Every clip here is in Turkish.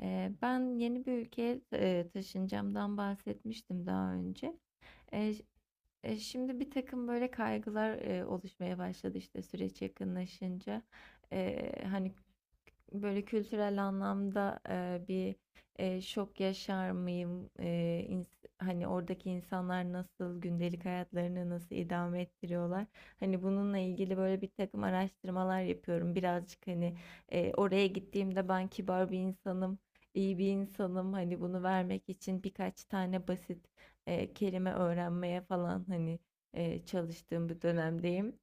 Ben yeni bir ülkeye taşınacağımdan bahsetmiştim daha önce. E, ş- Şimdi bir takım böyle kaygılar oluşmaya başladı işte süreç yakınlaşınca. Hani böyle kültürel anlamda bir şok yaşar mıyım? Hani oradaki insanlar nasıl, gündelik hayatlarını nasıl idame ettiriyorlar? Hani bununla ilgili böyle bir takım araştırmalar yapıyorum. Birazcık oraya gittiğimde ben kibar bir insanım, iyi bir insanım. Hani bunu vermek için birkaç tane basit kelime öğrenmeye falan, hani, çalıştığım bir dönemdeyim.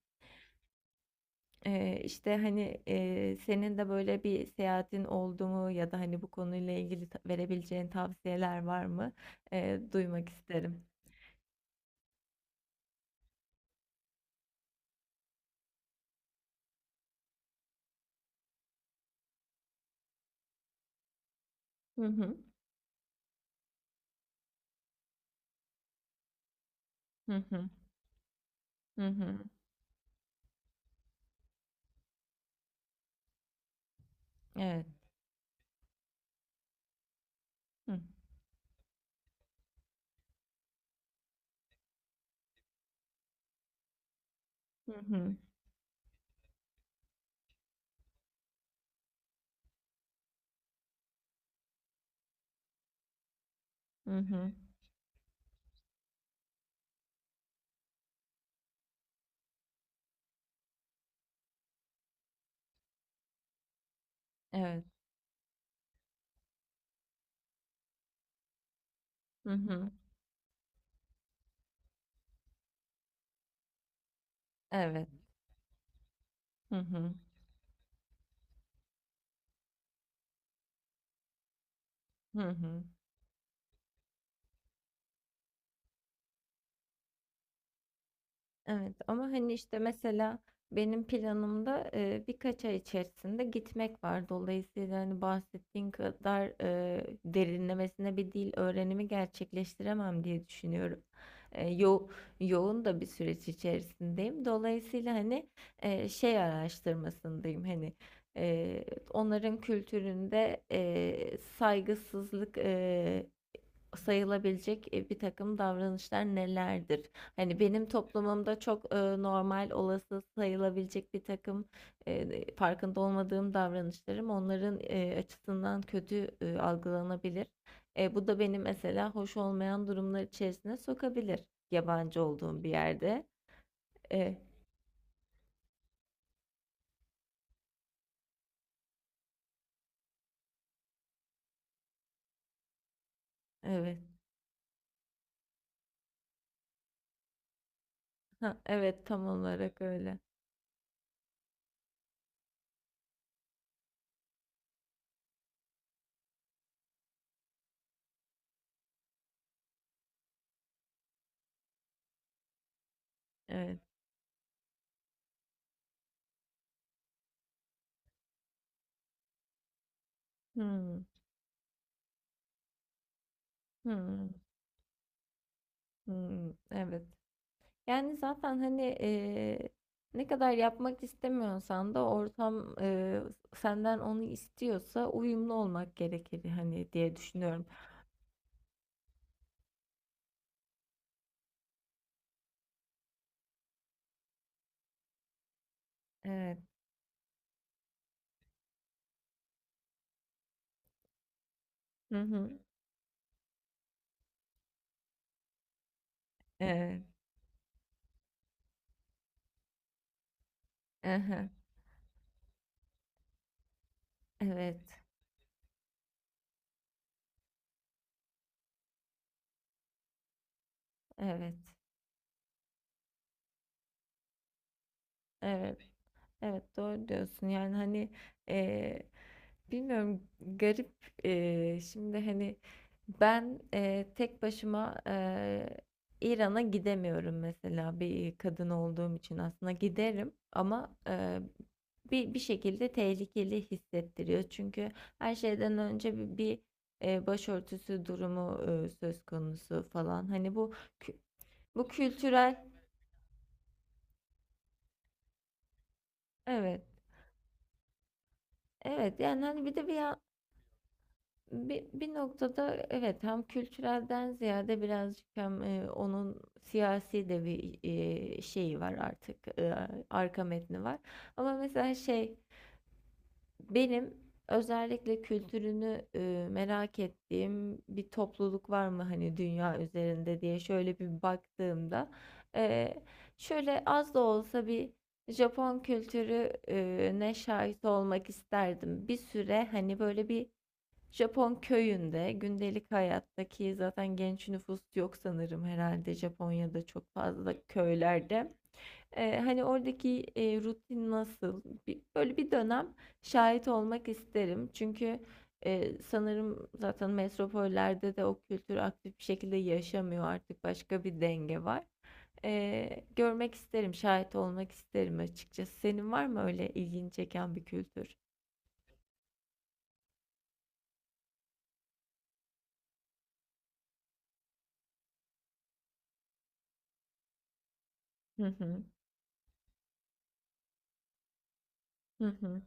İşte, hani, senin de böyle bir seyahatin oldu mu ya da, hani, bu konuyla ilgili ta verebileceğin tavsiyeler var mı? Duymak isterim. Hı hı. Hı hı. Hı hı. Evet. Hı. Hı hı. Hı hı, hı. Evet. Hı hı. Evet. Hı hı. Hı hı. Evet ama hani işte mesela benim planımda birkaç ay içerisinde gitmek var. Dolayısıyla hani bahsettiğin kadar derinlemesine bir dil öğrenimi gerçekleştiremem diye düşünüyorum. E, yo Yoğun da bir süreç içerisindeyim. Dolayısıyla hani şey araştırmasındayım, hani, e, onların kültüründe saygısızlık sayılabilecek, bir takım davranışlar nelerdir? Hani benim toplumumda çok, normal, olası sayılabilecek birtakım, farkında olmadığım davranışlarım onların, açısından kötü, algılanabilir. Bu da beni mesela hoş olmayan durumlar içerisine sokabilir yabancı olduğum bir yerde. Eee, evet. Hah, evet, tam olarak öyle. Evet. Hımm. Hımm. Hımm. Evet. Yani zaten hani ne kadar yapmak istemiyorsan da ortam, senden onu istiyorsa uyumlu olmak gerekir hani diye düşünüyorum. Evet. Hı hı. Evet. Aha. Evet. Evet. Evet. Evet. Doğru diyorsun. Yani hani, eee, bilmiyorum, garip. Şimdi hani ben, tek başıma, İran'a gidemiyorum mesela bir kadın olduğum için. Aslında giderim ama, bir şekilde tehlikeli hissettiriyor çünkü her şeyden önce bir başörtüsü durumu söz konusu falan, hani, bu kü- bu kültürel, evet. Evet, yani hani bir de bir bir noktada evet, hem kültürelden ziyade birazcık hem, onun siyasi de bir, şeyi var artık, arka metni var. Ama mesela şey, benim özellikle kültürünü, merak ettiğim bir topluluk var mı hani dünya üzerinde diye şöyle bir baktığımda, eee, şöyle az da olsa bir Japon kültürü ne şahit olmak isterdim. Bir süre hani böyle bir Japon köyünde gündelik hayattaki... Zaten genç nüfus yok sanırım, herhalde Japonya'da çok fazla köylerde. Hani oradaki rutin nasıl? Böyle bir dönem şahit olmak isterim. Çünkü sanırım zaten metropollerde de o kültür aktif bir şekilde yaşamıyor artık, başka bir denge var. Görmek isterim, şahit olmak isterim açıkçası. Senin var mı öyle ilgini çeken bir kültür? Hı hı. Hı hı.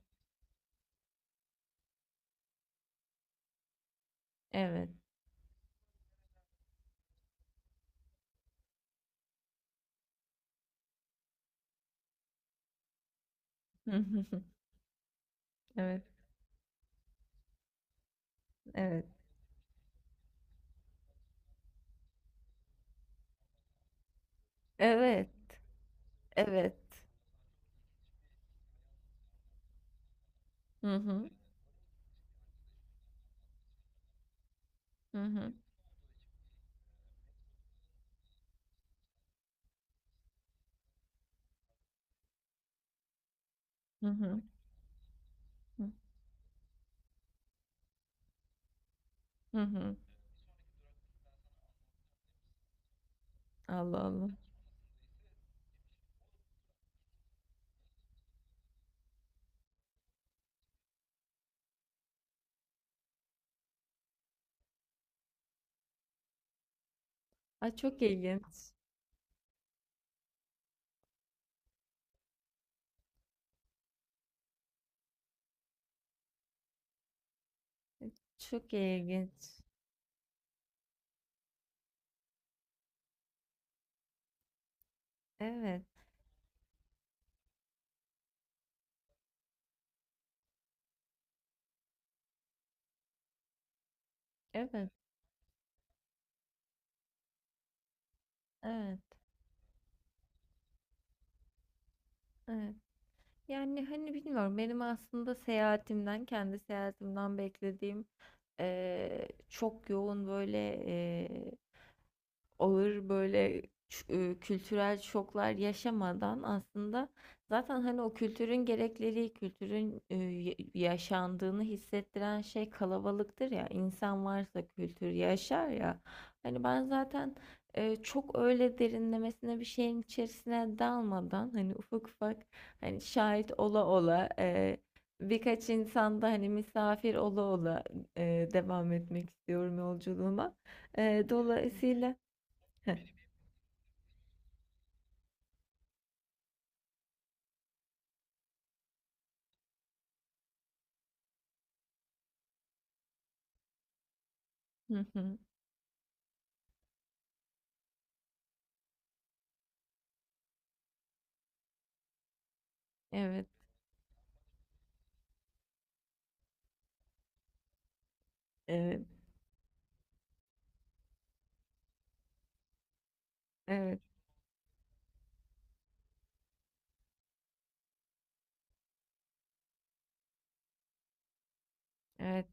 Evet. Evet. Evet. Evet. Evet. Hı hı. Hı hı. Hı hı. Hı hı. Allah Allah. Ay, çok ilginç. Çok ilginç. Evet. Evet. Evet. Evet. Yani hani bilmiyorum, benim aslında seyahatimden, kendi seyahatimden beklediğim, çok yoğun böyle, ağır böyle kültürel şoklar yaşamadan aslında, zaten hani o kültürün gerekleri, kültürün yaşandığını hissettiren şey kalabalıktır ya. İnsan varsa kültür yaşar ya. Hani ben zaten çok öyle derinlemesine bir şeyin içerisine dalmadan, hani ufak ufak, hani şahit ola ola, birkaç insanda hani misafir ola ola, devam etmek istiyorum yolculuğuma. Dolayısıyla... Hı hı. Evet, evet, evet, evet.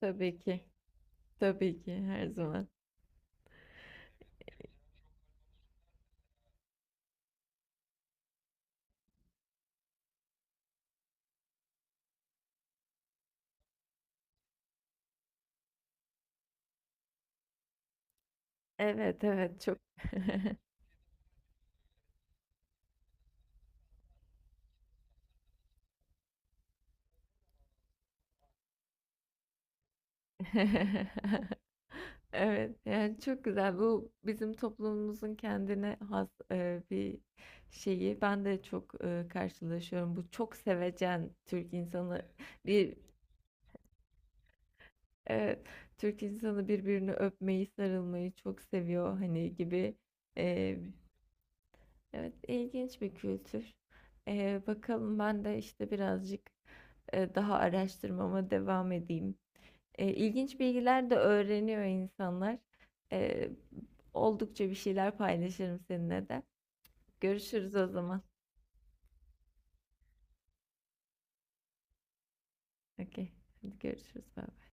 Tabii ki, tabii ki her zaman. Evet, evet, çok. Evet, yani çok güzel. Bu bizim toplumumuzun kendine has bir şeyi. Ben de çok karşılaşıyorum. Bu çok sevecen Türk insanı, bir, evet, Türk insanı birbirini öpmeyi, sarılmayı çok seviyor hani gibi. Evet, ilginç bir kültür. Bakalım, ben de işte birazcık daha araştırmama devam edeyim. E, ilginç bilgiler de öğreniyor insanlar. E, oldukça bir şeyler paylaşırım seninle de. Görüşürüz o zaman. Okey. Hadi görüşürüz. Bye.